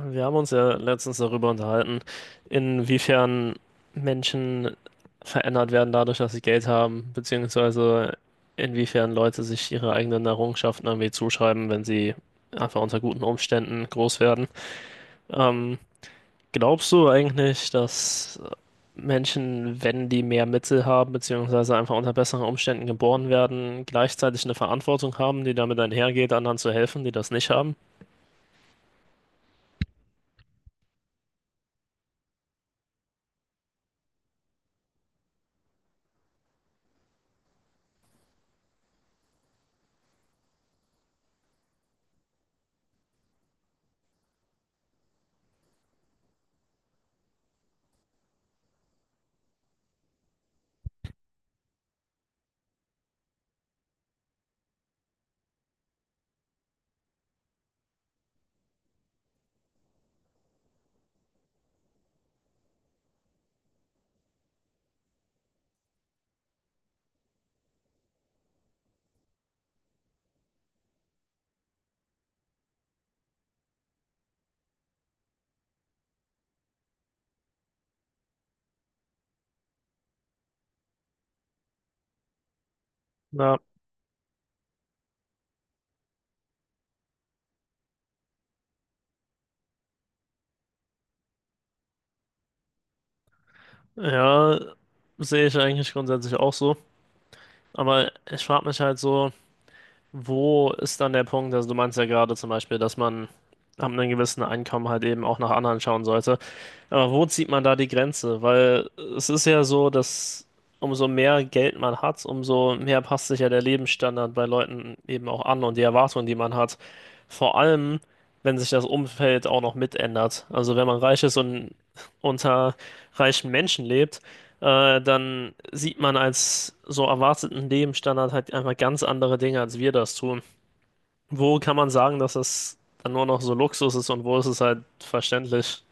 Wir haben uns ja letztens darüber unterhalten, inwiefern Menschen verändert werden dadurch, dass sie Geld haben, beziehungsweise inwiefern Leute sich ihre eigenen Errungenschaften irgendwie zuschreiben, wenn sie einfach unter guten Umständen groß werden. Ähm, Glaubst du eigentlich, dass Menschen, wenn die mehr Mittel haben, beziehungsweise einfach unter besseren Umständen geboren werden, gleichzeitig eine Verantwortung haben, die damit einhergeht, anderen zu helfen, die das nicht haben? Ja. Ja, sehe ich eigentlich grundsätzlich auch so. Aber ich frage mich halt so, wo ist dann der Punkt? Also du meinst ja gerade zum Beispiel, dass man ab einem gewissen Einkommen halt eben auch nach anderen schauen sollte. Aber wo zieht man da die Grenze? Weil es ist ja so, dass umso mehr Geld man hat, umso mehr passt sich ja der Lebensstandard bei Leuten eben auch an und die Erwartungen, die man hat. Vor allem, wenn sich das Umfeld auch noch mit ändert. Also wenn man reich ist und unter reichen Menschen lebt, dann sieht man als so erwarteten Lebensstandard halt einfach ganz andere Dinge, als wir das tun. Wo kann man sagen, dass das dann nur noch so Luxus ist und wo ist es halt verständlich?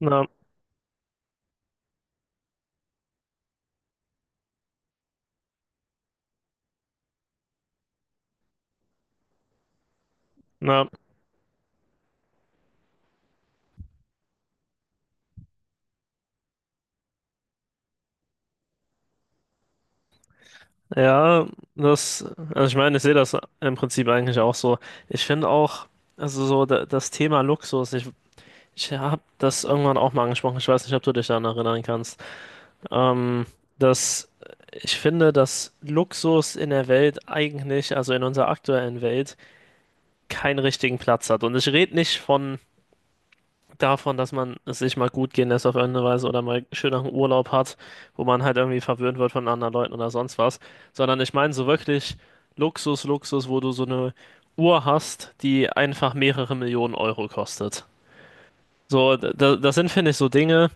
Na, na, ja, das, also ich meine, ich sehe das im Prinzip eigentlich auch so. Ich finde auch, also so da, das Thema Luxus, ich habe das irgendwann auch mal angesprochen, ich weiß nicht, ob du dich daran erinnern kannst, ähm, dass ich finde, dass Luxus in der Welt eigentlich, also in unserer aktuellen Welt, keinen richtigen Platz hat. Und ich rede nicht von davon, dass man es sich mal gut gehen lässt auf irgendeine Weise oder mal schön nach einem Urlaub hat, wo man halt irgendwie verwöhnt wird von anderen Leuten oder sonst was, sondern ich meine so wirklich Luxus, Luxus, wo du so eine Uhr hast, die einfach mehrere Millionen Euro kostet. So, das sind, finde ich, so Dinge,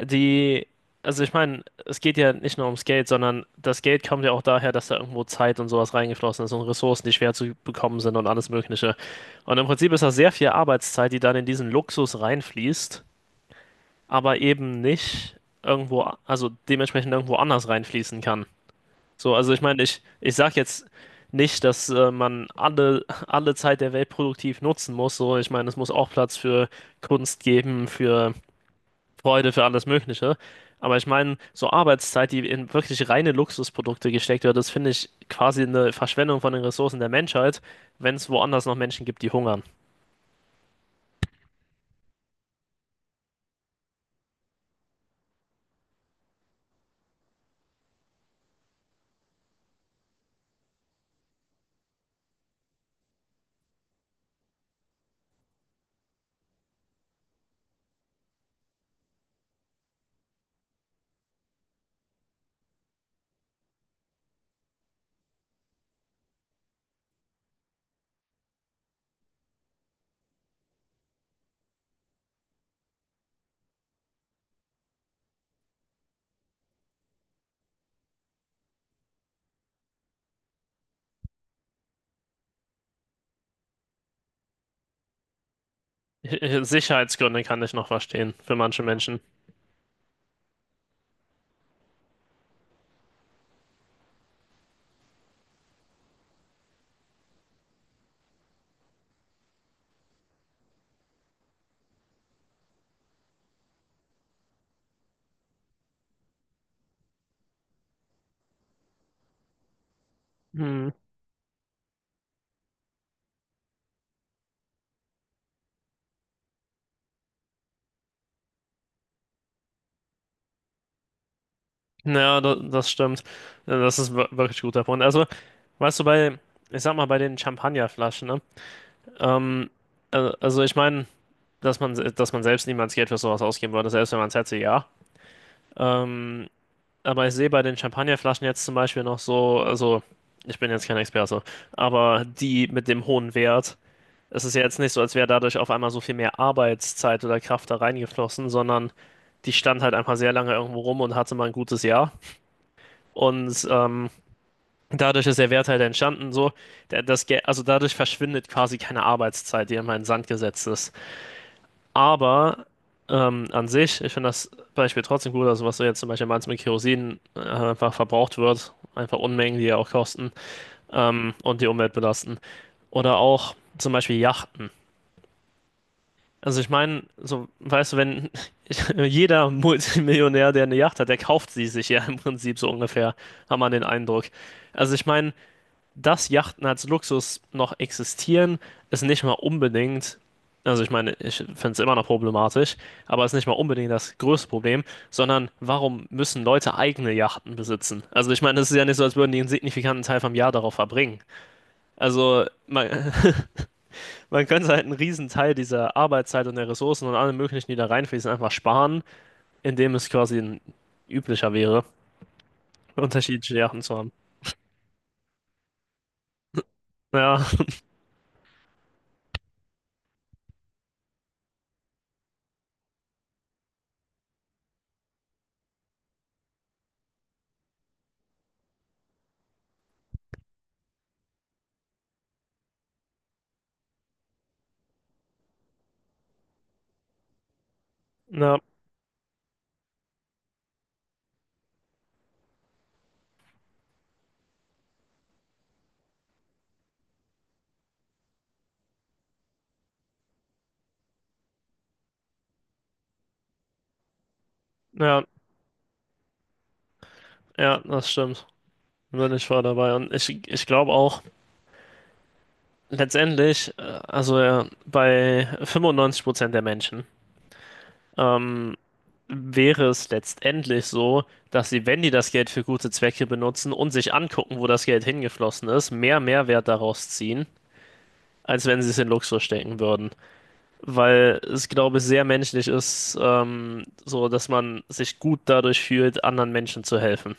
die, also ich meine, es geht ja nicht nur ums Geld, sondern das Geld kommt ja auch daher, dass da irgendwo Zeit und sowas reingeflossen ist und Ressourcen, die schwer zu bekommen sind und alles Mögliche. Und im Prinzip ist das sehr viel Arbeitszeit, die dann in diesen Luxus reinfließt, aber eben nicht irgendwo, also dementsprechend irgendwo anders reinfließen kann. So, also ich meine, ich sag jetzt nicht, dass man alle Zeit der Welt produktiv nutzen muss. So, ich meine, es muss auch Platz für Kunst geben, für Freude, für alles Mögliche. Aber ich meine, so Arbeitszeit, die in wirklich reine Luxusprodukte gesteckt wird, das finde ich quasi eine Verschwendung von den Ressourcen der Menschheit, wenn es woanders noch Menschen gibt, die hungern. Sicherheitsgründe kann ich noch verstehen für manche Menschen. Hm. Ja, das stimmt. Ja, das ist wirklich ein guter Punkt. Also, weißt du, bei, ich sag mal, bei den Champagnerflaschen, ne? Ähm, also ich meine, dass man, dass man selbst niemals Geld für sowas ausgeben würde, selbst wenn man es hätte, ja. Ähm, Aber ich sehe bei den Champagnerflaschen jetzt zum Beispiel noch so, also ich bin jetzt kein Experte, aber die mit dem hohen Wert, es ist ja jetzt nicht so, als wäre dadurch auf einmal so viel mehr Arbeitszeit oder Kraft da reingeflossen, sondern die stand halt einfach sehr lange irgendwo rum und hatte mal ein gutes Jahr. Und dadurch ist der Wert halt entstanden, so, also dadurch verschwindet quasi keine Arbeitszeit, die immer in den Sand gesetzt ist. Aber an sich, ich finde das Beispiel trotzdem gut, also was du jetzt zum Beispiel meinst mit Kerosin, einfach verbraucht wird, einfach Unmengen, die ja auch kosten und die Umwelt belasten. Oder auch zum Beispiel Yachten. Also ich meine, so, weißt du, wenn jeder Multimillionär, der eine Yacht hat, der kauft sie sich ja im Prinzip so ungefähr, hat man den Eindruck. Also ich meine, dass Yachten als Luxus noch existieren, ist nicht mal unbedingt, also ich meine, ich finde es immer noch problematisch, aber ist nicht mal unbedingt das größte Problem, sondern warum müssen Leute eigene Yachten besitzen? Also ich meine, es ist ja nicht so, als würden die einen signifikanten Teil vom Jahr darauf verbringen. Also man, man könnte halt einen riesen Teil dieser Arbeitszeit und der Ressourcen und allem möglichen, die da reinfließen, einfach sparen, indem es quasi ein üblicher wäre, unterschiedliche Yachten zu haben. Ja, ja, ja, ja, das stimmt. Wenn ich war dabei. Und ich glaube auch, letztendlich, bei 95% der Menschen, ähm, wäre es letztendlich so, dass sie, wenn die das Geld für gute Zwecke benutzen und sich angucken, wo das Geld hingeflossen ist, mehr Mehrwert daraus ziehen, als wenn sie es in Luxus stecken würden. Weil es, glaube ich, sehr menschlich ist, so, dass man sich gut dadurch fühlt, anderen Menschen zu helfen.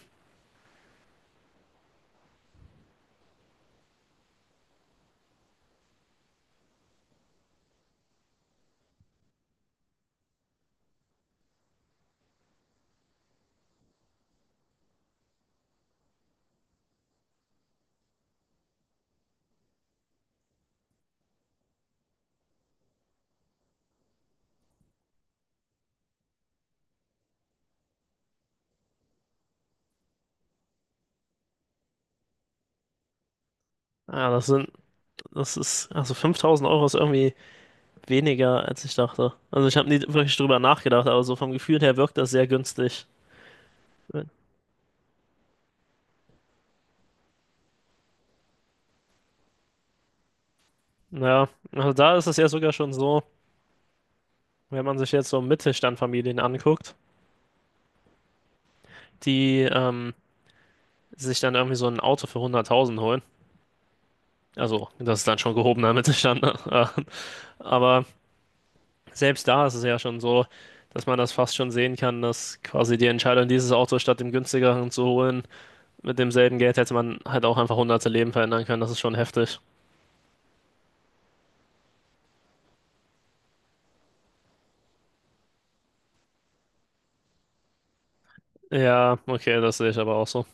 Ja, das sind, das ist, also 5000 Euro ist irgendwie weniger, als ich dachte. Also ich habe nie wirklich drüber nachgedacht, aber so vom Gefühl her wirkt das sehr günstig. Naja, also da ist es ja sogar schon so, wenn man sich jetzt so Mittelstandfamilien anguckt, die sich dann irgendwie so ein Auto für 100.000 holen. Also das ist dann schon gehobener Mittelstand, ne? Aber selbst da ist es ja schon so, dass man das fast schon sehen kann, dass quasi die Entscheidung, dieses Auto statt dem günstigeren zu holen, mit demselben Geld hätte man halt auch einfach hunderte Leben verändern können. Das ist schon heftig. Ja, okay, das sehe ich aber auch so.